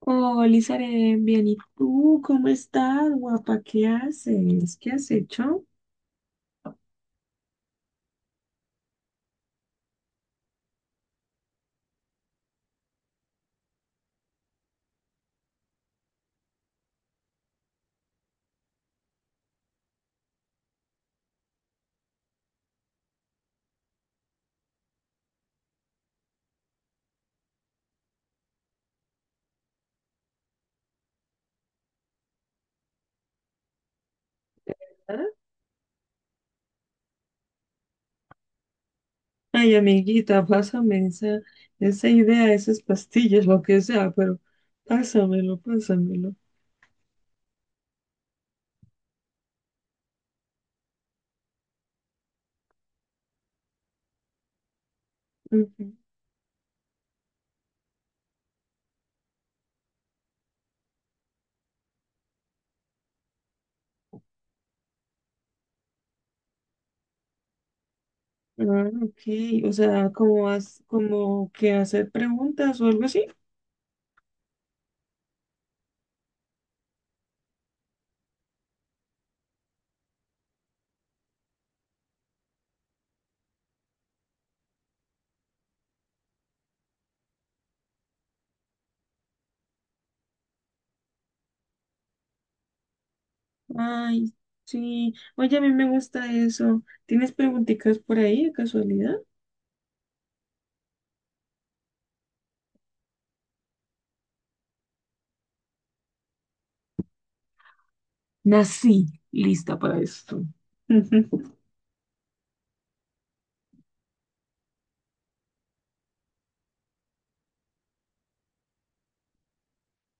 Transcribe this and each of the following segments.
Hola, Isaren, bien, ¿y tú cómo estás, guapa? ¿Qué haces? ¿Qué has hecho? ¿Ah? Ay, amiguita, pásame esa, esa idea, esas pastillas, lo que sea, pero pásamelo, pásamelo. Ujú. Ah, ok, o sea, como, has, como que hacer preguntas o algo así. Ay, sí. Oye, a mí me gusta eso. ¿Tienes preguntitas por ahí de casualidad? Nací lista para esto.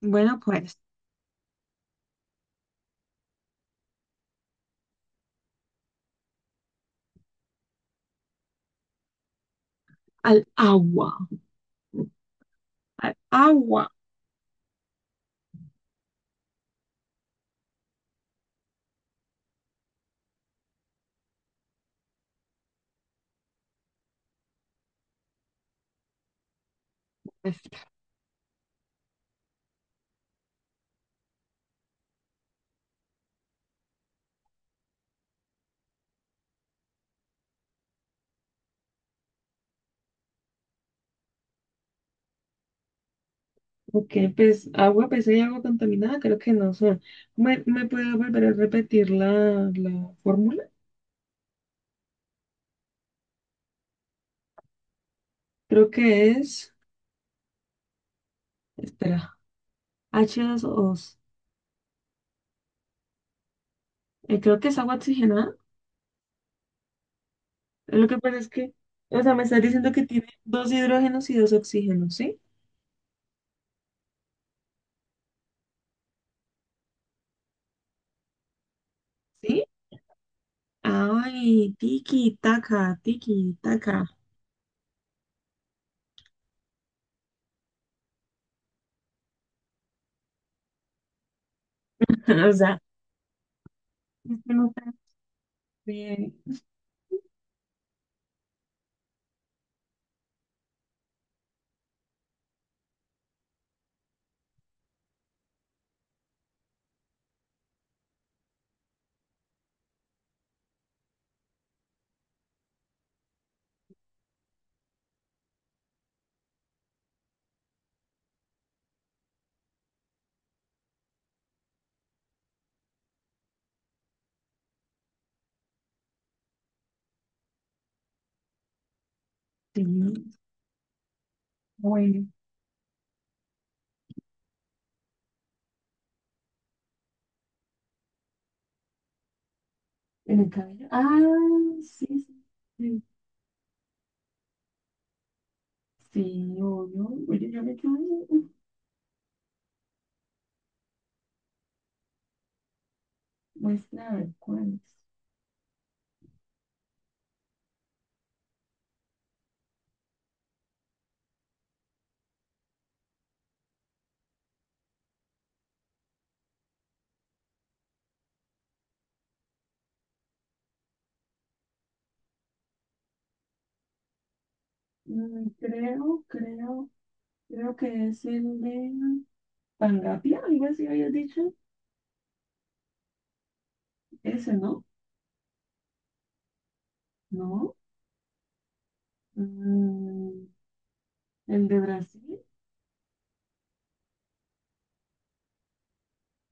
Bueno, pues, al agua. Al agua. Bestia. Ok, pues agua, pues hay agua contaminada, creo que no son. ¿Me puede volver a repetir la fórmula? Creo que es. Espera, h dos O. Creo que es agua oxigenada. Lo que pasa es que, o sea, me estás diciendo que tiene dos hidrógenos y dos oxígenos, ¿sí? ¿Sí? Ay, tiki, taca, tiki, taca. O sea, es que no te bien. Sí, bueno, en el cabello. Ah, sí, sí, sí. Sí, obvio. Oye, yo me quedo. Muestra a ver cuál es. Mm, creo, creo, creo que es el de Pangapia, algo así habías dicho. Ese, ¿no? ¿No? Mm, el de Brasil.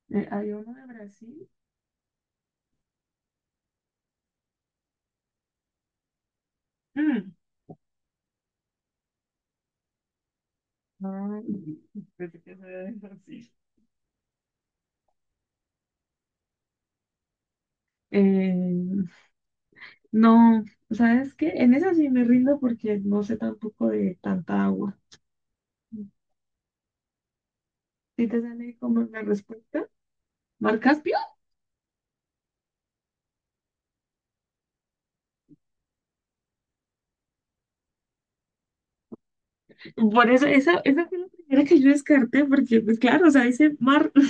Hay uno de Brasil. Mm. Ay, pensé que ese era de Brasil. Eh, no, ¿sabes qué? En esa sí me rindo porque no sé tampoco de tanta agua. Si te sale como la respuesta, ¿mar Caspio? Por eso, esa fue la primera que yo descarté porque, pues claro, o sea, dice mar.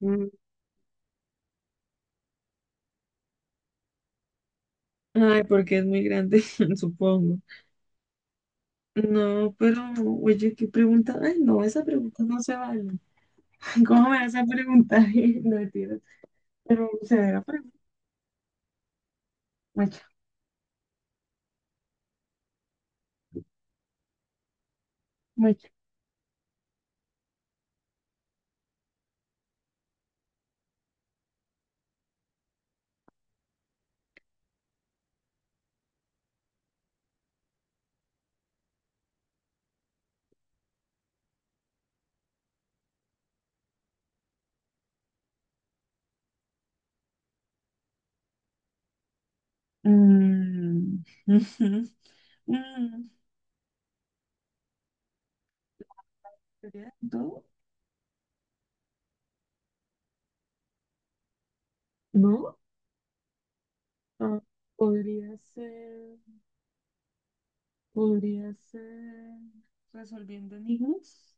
Mm, ay, porque es muy grande, supongo. No, pero, oye, ¿qué pregunta? Ay, no, esa pregunta no se vale. ¿Cómo me vas a preguntar? No, mentira. Pero se ve la pregunta. Mucha, mucha. Mm, ujú. Mm, ¿sería todo? ¿No? Ah, podría ser, podría ser resolviendo enigmas.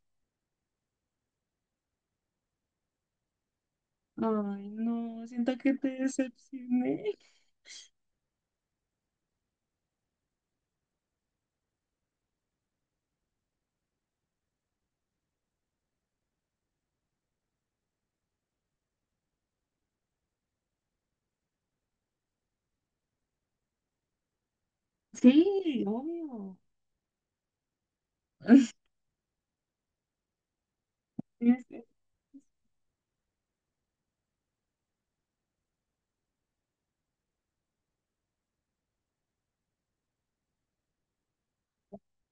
Ay, no, siento que te decepcioné. Sí, obvio. Tienes que...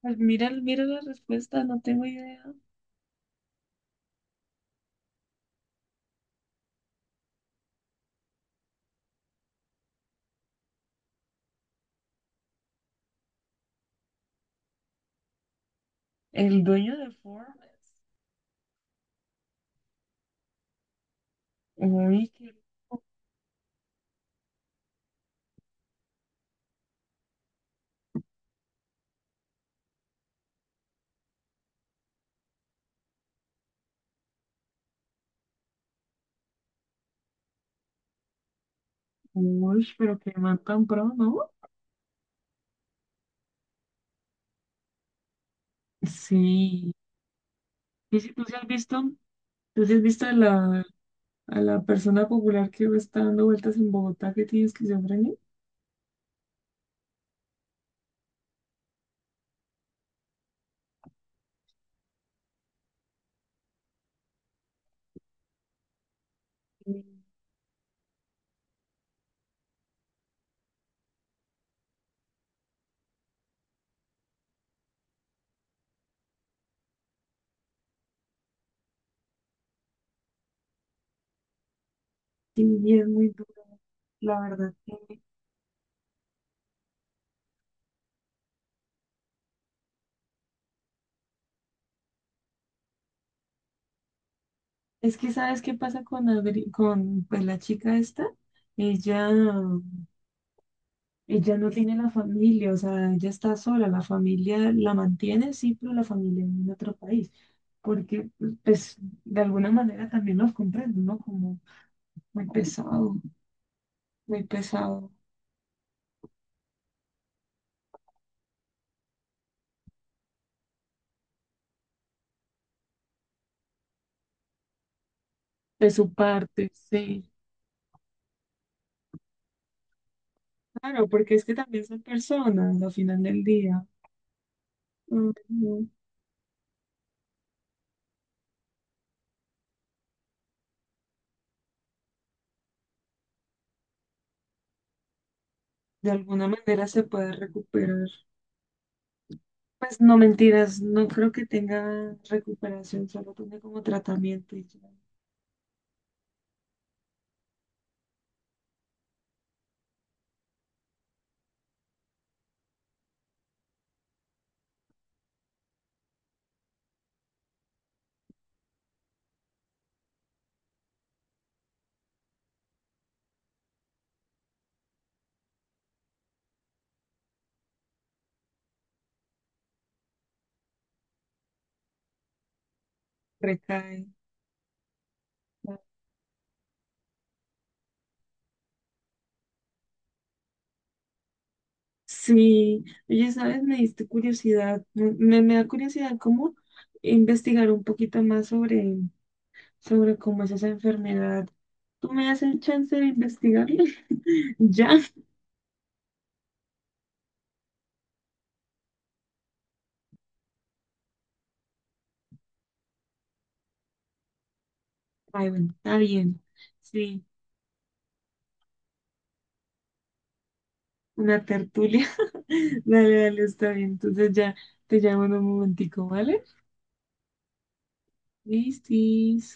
Pues mira, mira la respuesta, no tengo idea. El dueño de Forbes. Uy, qué... Uy, pero qué man tan pro, ¿no? Sí. ¿Y si tú sí has visto, tú sí has visto a la persona popular que está dando vueltas en Bogotá que tiene esquizofrenia? Sí, y es muy duro, la verdad. Que... Es que, ¿sabes qué pasa con, Adri- con pues, la chica esta? Ella Ella no tiene la familia, o sea, ella está sola, la familia la mantiene, sí, pero la familia en otro país, porque pues de alguna manera también los comprendo, ¿no? Como muy pesado, muy pesado de su parte, sí. Claro, porque es que también son personas al final del día. Ujú. De alguna manera se puede recuperar. Pues no mentiras, no creo que tenga recuperación, solo tiene como tratamiento y ya recae. Sí, oye, ¿sabes? Me diste curiosidad, me da curiosidad cómo investigar un poquito más sobre, sobre cómo es esa enfermedad. ¿Tú me das el chance de investigarlo? Ya. Ay, bueno, está bien. Sí, una tertulia. Dale, dale, está bien. Entonces ya te llamo en un momentico, ¿vale? Listis.